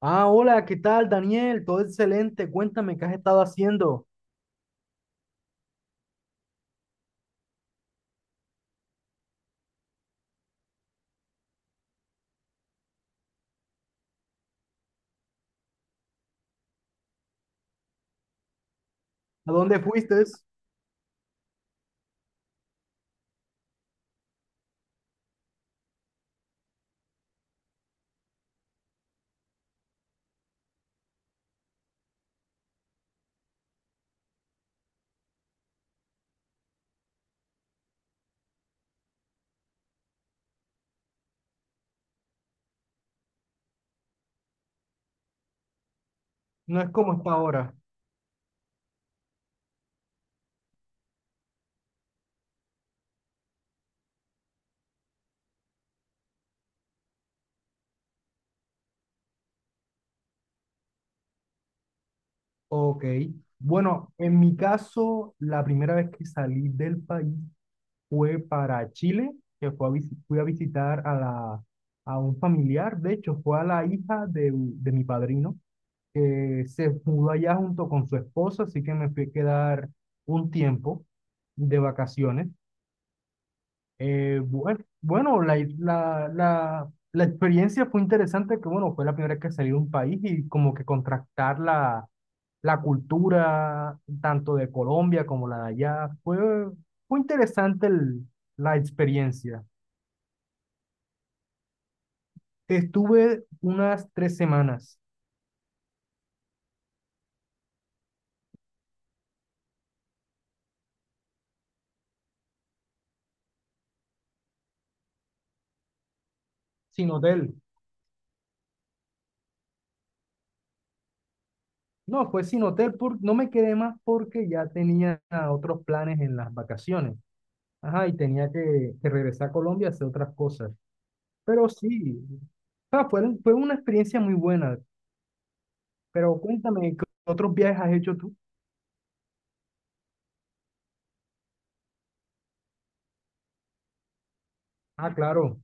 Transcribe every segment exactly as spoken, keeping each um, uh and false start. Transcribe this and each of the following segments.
Ah, hola, ¿qué tal, Daniel? Todo excelente. Cuéntame, ¿qué has estado haciendo? ¿A dónde fuiste? No es como está ahora. Ok. Bueno, en mi caso, la primera vez que salí del país fue para Chile, que fue a visi- fui a visitar a, la, a un familiar. De hecho, fue a la hija de, u- de mi padrino, que se mudó allá junto con su esposa, así que me fui a quedar un tiempo de vacaciones. Eh, bue- bueno, la, la, la, la experiencia fue interesante, que bueno, fue la primera vez que salí de un país y como que contrastar la, la cultura tanto de Colombia como la de allá. Fue, fue interesante el- la experiencia. Estuve unas tres semanas sin hotel. No, fue sin hotel, por, no me quedé más porque ya tenía otros planes en las vacaciones. Ajá, y tenía que, que regresar a Colombia a hacer otras cosas. Pero sí. Ah, fue, fue una experiencia muy buena, pero cuéntame, ¿qué otros viajes has hecho tú? Ah, claro.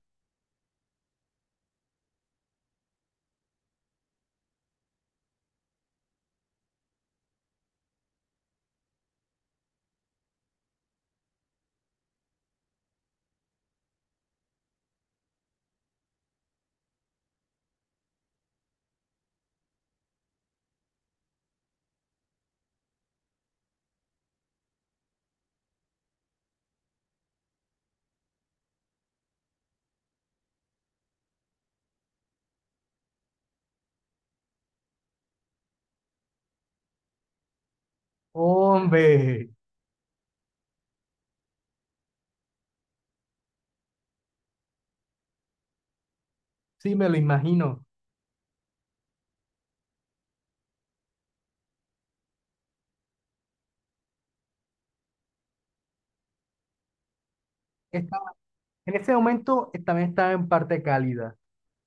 Hombre, sí, me lo imagino. Estaba- en ese momento eh, también estaba en parte cálida,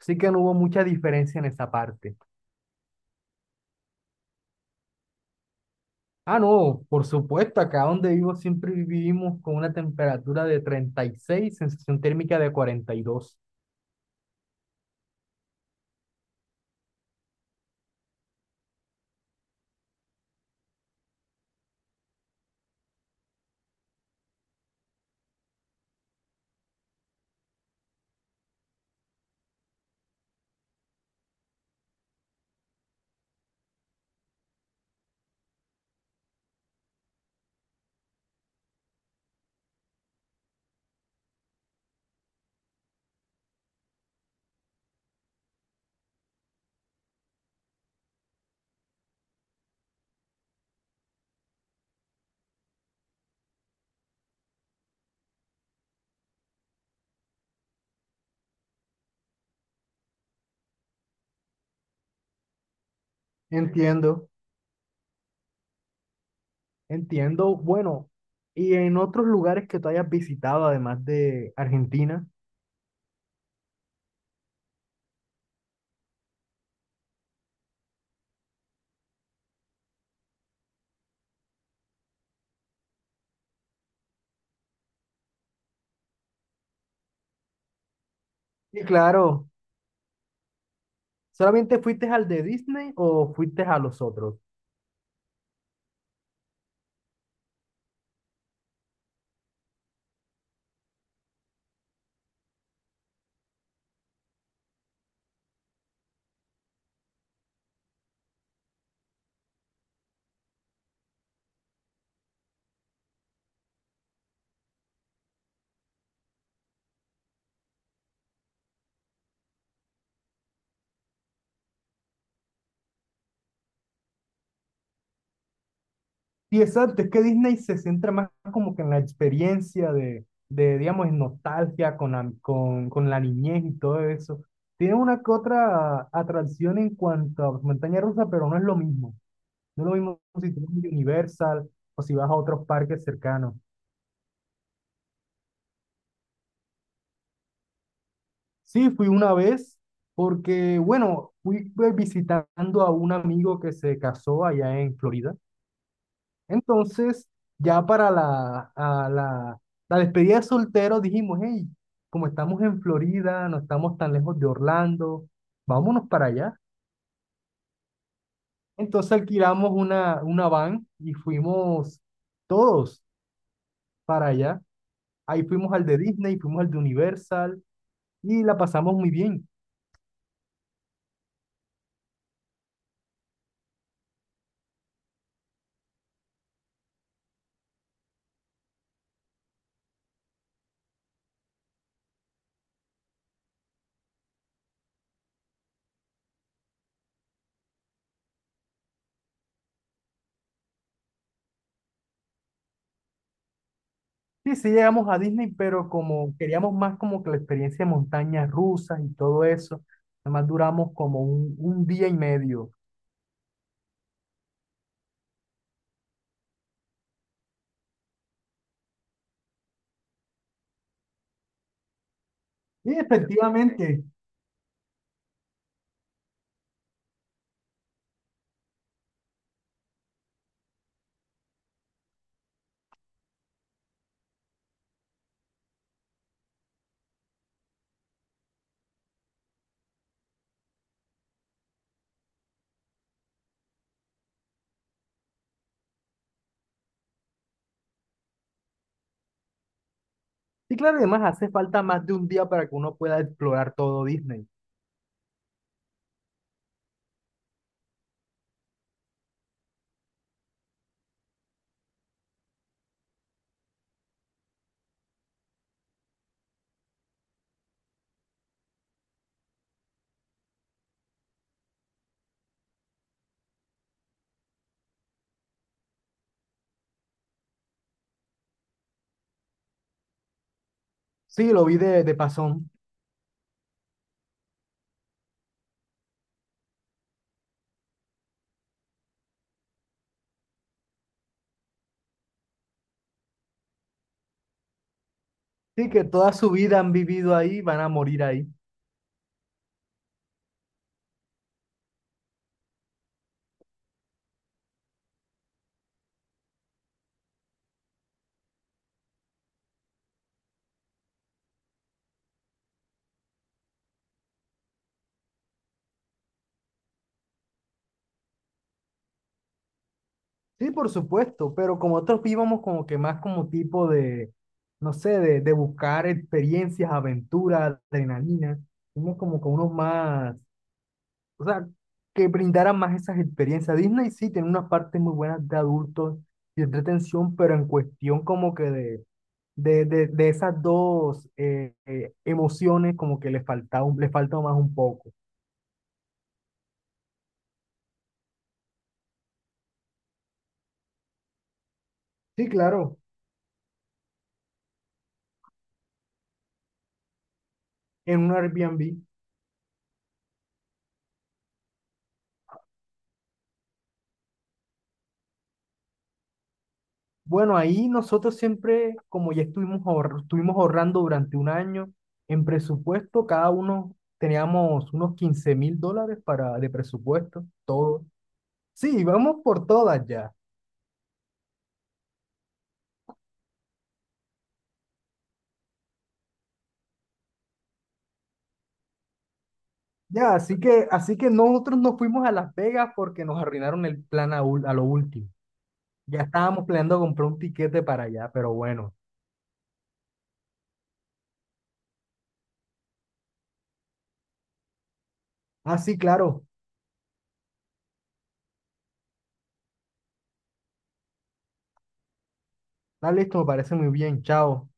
así que no hubo mucha diferencia en esa parte. Ah, no, por supuesto, acá donde vivo siempre vivimos con una temperatura de treinta y seis, sensación térmica de cuarenta y dos. Entiendo, entiendo. Bueno, ¿y en otros lugares que tú hayas visitado, además de Argentina? Sí, claro. ¿Solamente fuiste al de Disney o fuiste a los otros? Y exacto, es que Disney se centra más como que en la experiencia de, de digamos, en nostalgia con la, con, con la niñez y todo eso. Tiene una que otra atracción en cuanto a montaña rusa, pero no es lo mismo. No es lo mismo si tú vas a Universal o si vas a otros parques cercanos. Sí, fui una vez porque, bueno, fui pues, visitando a un amigo que se casó allá en Florida. Entonces, ya para la, a la, la despedida de soltero dijimos, hey, como estamos en Florida, no estamos tan lejos de Orlando, vámonos para allá. Entonces alquilamos una, una van y fuimos todos para allá. Ahí fuimos al de Disney, fuimos al de Universal y la pasamos muy bien. Sí, sí llegamos a Disney, pero como queríamos más como que la experiencia de montañas rusas y todo eso, además duramos como un, un día y medio. Y efectivamente. Sí, claro, y además hace falta más de un día para que uno pueda explorar todo Disney. Sí, lo vi de, de pasón. Sí, que toda su vida han vivido ahí, van a morir ahí. Sí, por supuesto, pero como otros íbamos como que más como tipo de, no sé, de, de buscar experiencias, aventuras, adrenalina. Fuimos como con unos más, o sea, que brindaran más esas experiencias. Disney sí tiene unas partes muy buenas de adultos y entretención, pero en cuestión como que de de, de, de esas dos eh, eh, emociones como que les falta, un- les falta más un poco. Sí, claro. En un Airbnb. Bueno, ahí nosotros siempre, como ya estuvimos, ahor- estuvimos ahorrando durante un año, en presupuesto cada uno teníamos unos quince mil dólares para, de presupuesto, todo. Sí, vamos por todas ya. Ya, así que, así que nosotros nos fuimos a Las Vegas porque nos arruinaron el plan a, ul- a lo último. Ya estábamos planeando comprar un tiquete para allá, pero bueno. Ah, sí, claro. Está listo, me parece muy bien. Chao.